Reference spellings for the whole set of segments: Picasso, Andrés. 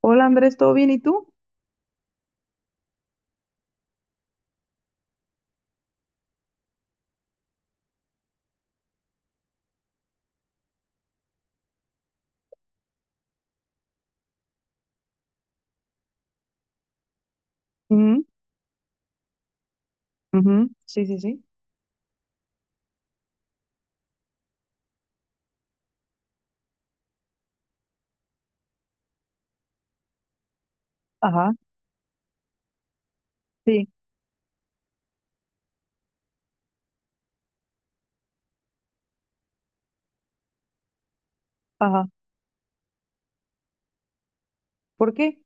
Hola Andrés, ¿todo bien? ¿Y tú? Ujú, ujú, sí, sí, sí. Ajá, sí, ajá. ¿Por qué?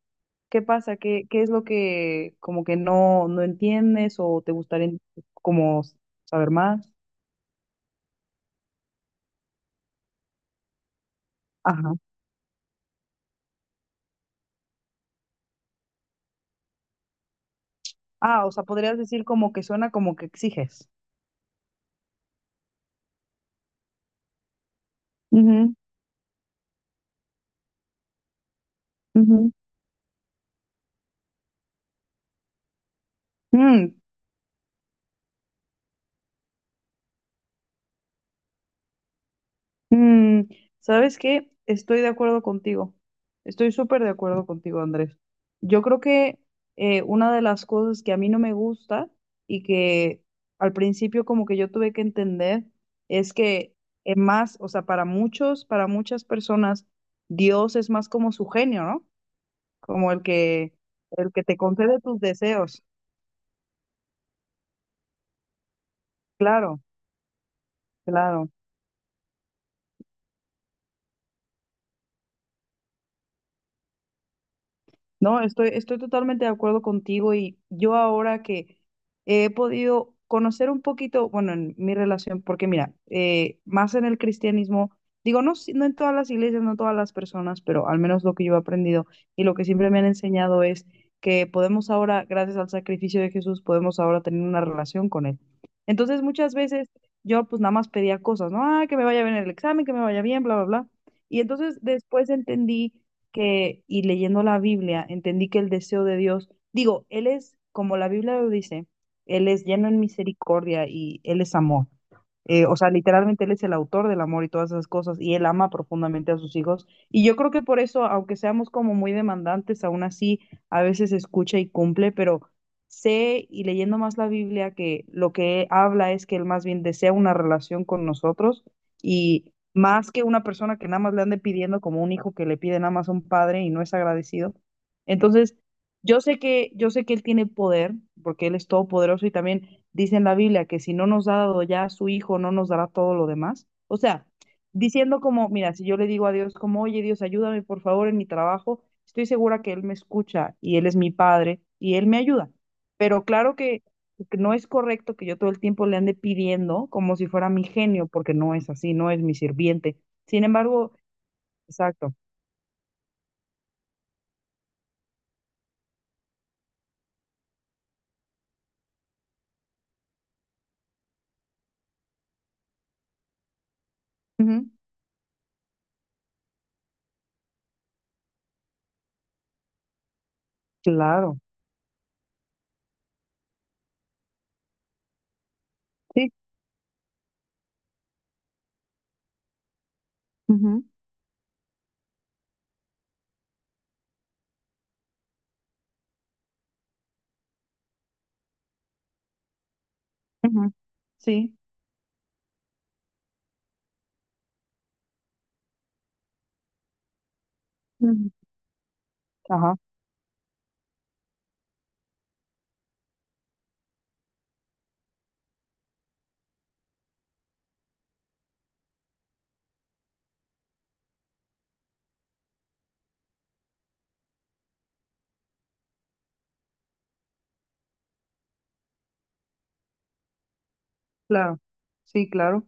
¿Qué pasa? ¿Qué es lo que como que no entiendes o te gustaría como saber más? Ajá. Ah, o sea, podrías decir como que suena como que exiges. Ujú, ujú. Mm, mm, ¿sabes qué? Estoy de acuerdo contigo. Estoy súper de acuerdo contigo, Andrés. Yo creo que una de las cosas que a mí no me gusta y que al principio como que yo tuve que entender es que es más, o sea, para muchas personas, Dios es más como su genio, ¿no? Como el que te concede tus deseos. Claro, claro. No, estoy totalmente de acuerdo contigo, y yo ahora que he podido conocer un poquito, bueno, en mi relación, porque mira, más en el cristianismo, digo, no, no en todas las iglesias, no todas las personas, pero al menos lo que yo he aprendido y lo que siempre me han enseñado es que podemos ahora, gracias al sacrificio de Jesús, podemos ahora tener una relación con Él. Entonces, muchas veces yo pues nada más pedía cosas, ¿no? Ah, que me vaya bien el examen, que me vaya bien, bla, bla, bla. Y entonces después entendí que, y leyendo la Biblia, entendí que el deseo de Dios, digo, Él es, como la Biblia lo dice, Él es lleno en misericordia y Él es amor. O sea, literalmente Él es el autor del amor y todas esas cosas, y Él ama profundamente a sus hijos. Y yo creo que por eso, aunque seamos como muy demandantes, aún así a veces escucha y cumple, pero sé y leyendo más la Biblia que lo que habla es que Él más bien desea una relación con nosotros, y más que una persona que nada más le ande pidiendo como un hijo que le pide nada más a un padre y no es agradecido. Entonces, yo sé que él tiene poder, porque él es todopoderoso y también dice en la Biblia que si no nos ha dado ya a su hijo, no nos dará todo lo demás. O sea, diciendo como, mira, si yo le digo a Dios como, oye Dios, ayúdame por favor en mi trabajo, estoy segura que él me escucha y él es mi padre y él me ayuda. Pero claro que no es correcto que yo todo el tiempo le ande pidiendo como si fuera mi genio, porque no es así, no es mi sirviente. Sin embargo, exacto. Ujú, claro. Sí. Ujú, ujú, sí. Ujú, ajá, claro. Sí, claro.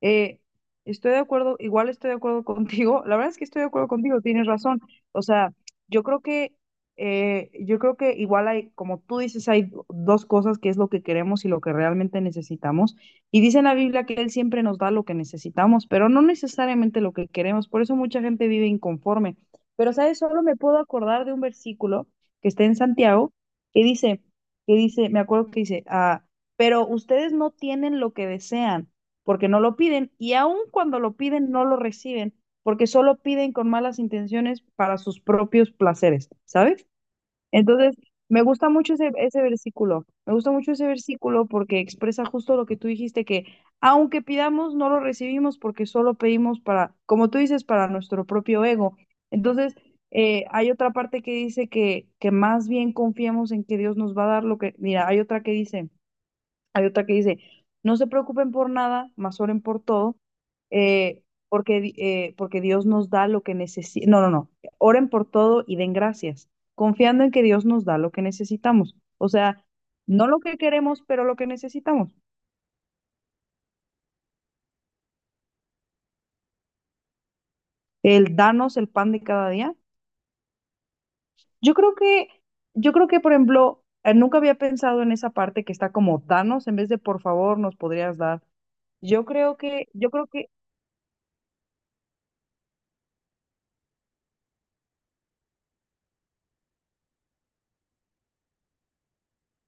Eh, estoy de acuerdo, igual estoy de acuerdo contigo. La verdad es que estoy de acuerdo contigo, tienes razón. O sea, yo creo que, yo creo que igual hay, como tú dices, hay dos cosas que es lo que queremos y lo que realmente necesitamos. Y dice en la Biblia que Él siempre nos da lo que necesitamos, pero no necesariamente lo que queremos. Por eso mucha gente vive inconforme. Pero, ¿sabes? Solo me puedo acordar de un versículo que está en Santiago que dice, que dice, me acuerdo que dice, pero ustedes no tienen lo que desean porque no lo piden y aun cuando lo piden no lo reciben porque solo piden con malas intenciones para sus propios placeres, ¿sabes? Entonces, me gusta mucho ese versículo, me gusta mucho ese versículo porque expresa justo lo que tú dijiste, que aunque pidamos, no lo recibimos porque solo pedimos para, como tú dices, para nuestro propio ego. Entonces, hay otra parte que dice que más bien confiamos en que Dios nos va a dar lo que, mira, hay otra que dice, hay otra que dice, no se preocupen por nada, más oren por todo, eh, porque Dios nos da lo que necesitamos. No, no, no, oren por todo y den gracias, confiando en que Dios nos da lo que necesitamos. O sea, no lo que queremos, pero lo que necesitamos. El danos el pan de cada día. Yo creo que, yo creo que, por ejemplo, nunca había pensado en esa parte que está como danos en vez de por favor nos podrías dar. Yo creo que, yo creo que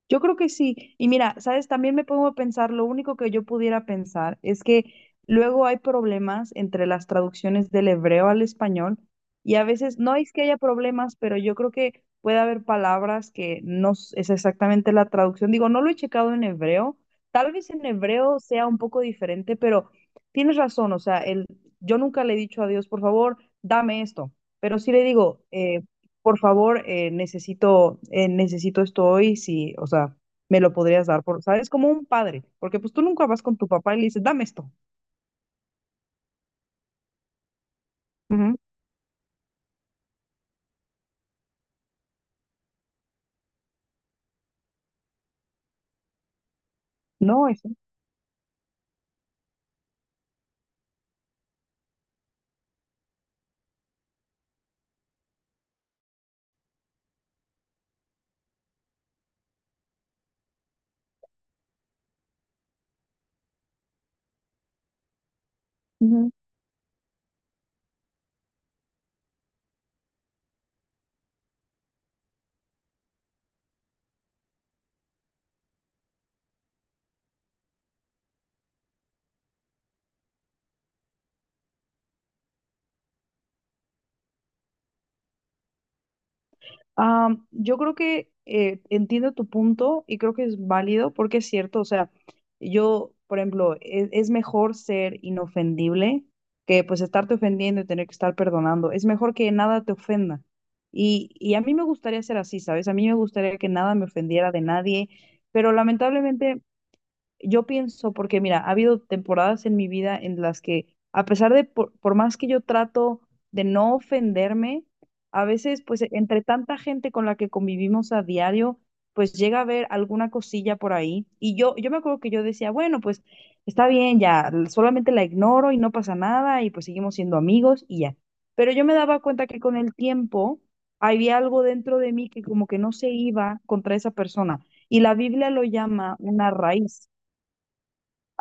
Yo creo que sí. Y mira, sabes, también me pongo a pensar, lo único que yo pudiera pensar es que luego hay problemas entre las traducciones del hebreo al español, y a veces no es que haya problemas, pero yo creo que puede haber palabras que no es exactamente la traducción. Digo, no lo he checado en hebreo. Tal vez en hebreo sea un poco diferente, pero tienes razón. O sea, yo nunca le he dicho a Dios, por favor, dame esto. Pero sí le digo, por favor, necesito esto hoy, si, o sea, me lo podrías dar, ¿sabes? Como un padre, porque pues tú nunca vas con tu papá y le dices, dame esto. Ujú. No, eso. Ah, yo creo que entiendo tu punto y creo que es válido porque es cierto, o sea, yo, por ejemplo, es, mejor ser inofendible que pues estarte ofendiendo y tener que estar perdonando. Es mejor que nada te ofenda. Y a mí me gustaría ser así, ¿sabes? A mí me gustaría que nada me ofendiera de nadie, pero lamentablemente yo pienso, porque mira, ha habido temporadas en mi vida en las que, a pesar de, por más que yo trato de no ofenderme, a veces, pues, entre tanta gente con la que convivimos a diario, pues llega a haber alguna cosilla por ahí. Y yo me acuerdo que yo decía, bueno, pues, está bien, ya, solamente la ignoro y no pasa nada y pues seguimos siendo amigos y ya. Pero yo me daba cuenta que con el tiempo había algo dentro de mí que como que no se iba contra esa persona. Y la Biblia lo llama una raíz.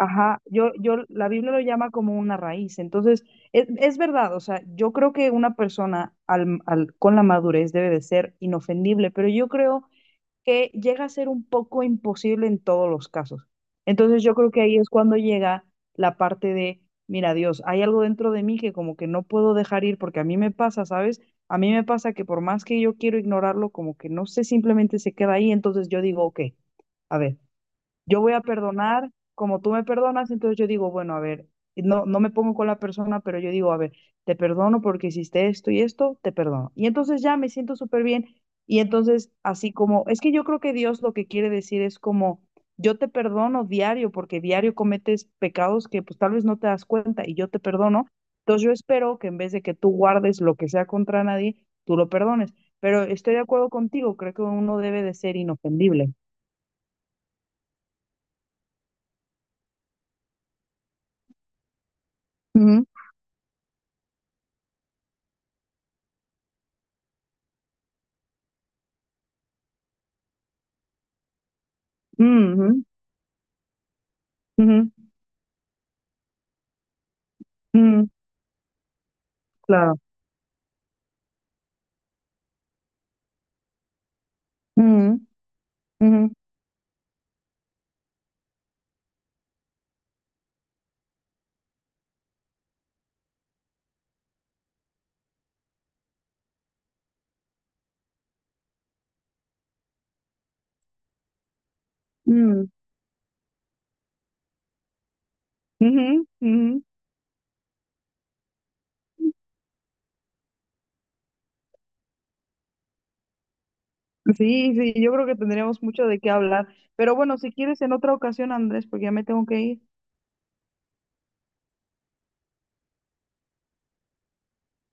Ajá, la Biblia lo llama como una raíz. Entonces, es verdad, o sea, yo creo que una persona al, con la madurez debe de ser inofendible, pero yo creo que llega a ser un poco imposible en todos los casos. Entonces, yo creo que ahí es cuando llega la parte de, mira, Dios, hay algo dentro de mí que como que no puedo dejar ir porque a mí me pasa, ¿sabes? A mí me pasa que por más que yo quiero ignorarlo, como que no sé, simplemente se queda ahí. Entonces, yo digo, ok. A ver, yo voy a perdonar como tú me perdonas, entonces yo digo, bueno, a ver, no, no me pongo con la persona, pero yo digo, a ver, te perdono porque hiciste esto y esto, te perdono. Y entonces ya me siento súper bien. Y entonces, así como, es que yo creo que Dios lo que quiere decir es como, yo te perdono diario porque diario cometes pecados que pues tal vez no te das cuenta y yo te perdono. Entonces yo espero que en vez de que tú guardes lo que sea contra nadie, tú lo perdones. Pero estoy de acuerdo contigo, creo que uno debe de ser inofendible. Ujú, ujú. Ujú, ujú, claro. Ujú, ujú, ujú, ujú, ujú. Sí, sí, yo creo que tendríamos mucho de qué hablar. Pero bueno, si quieres en otra ocasión, Andrés, porque ya me tengo que ir.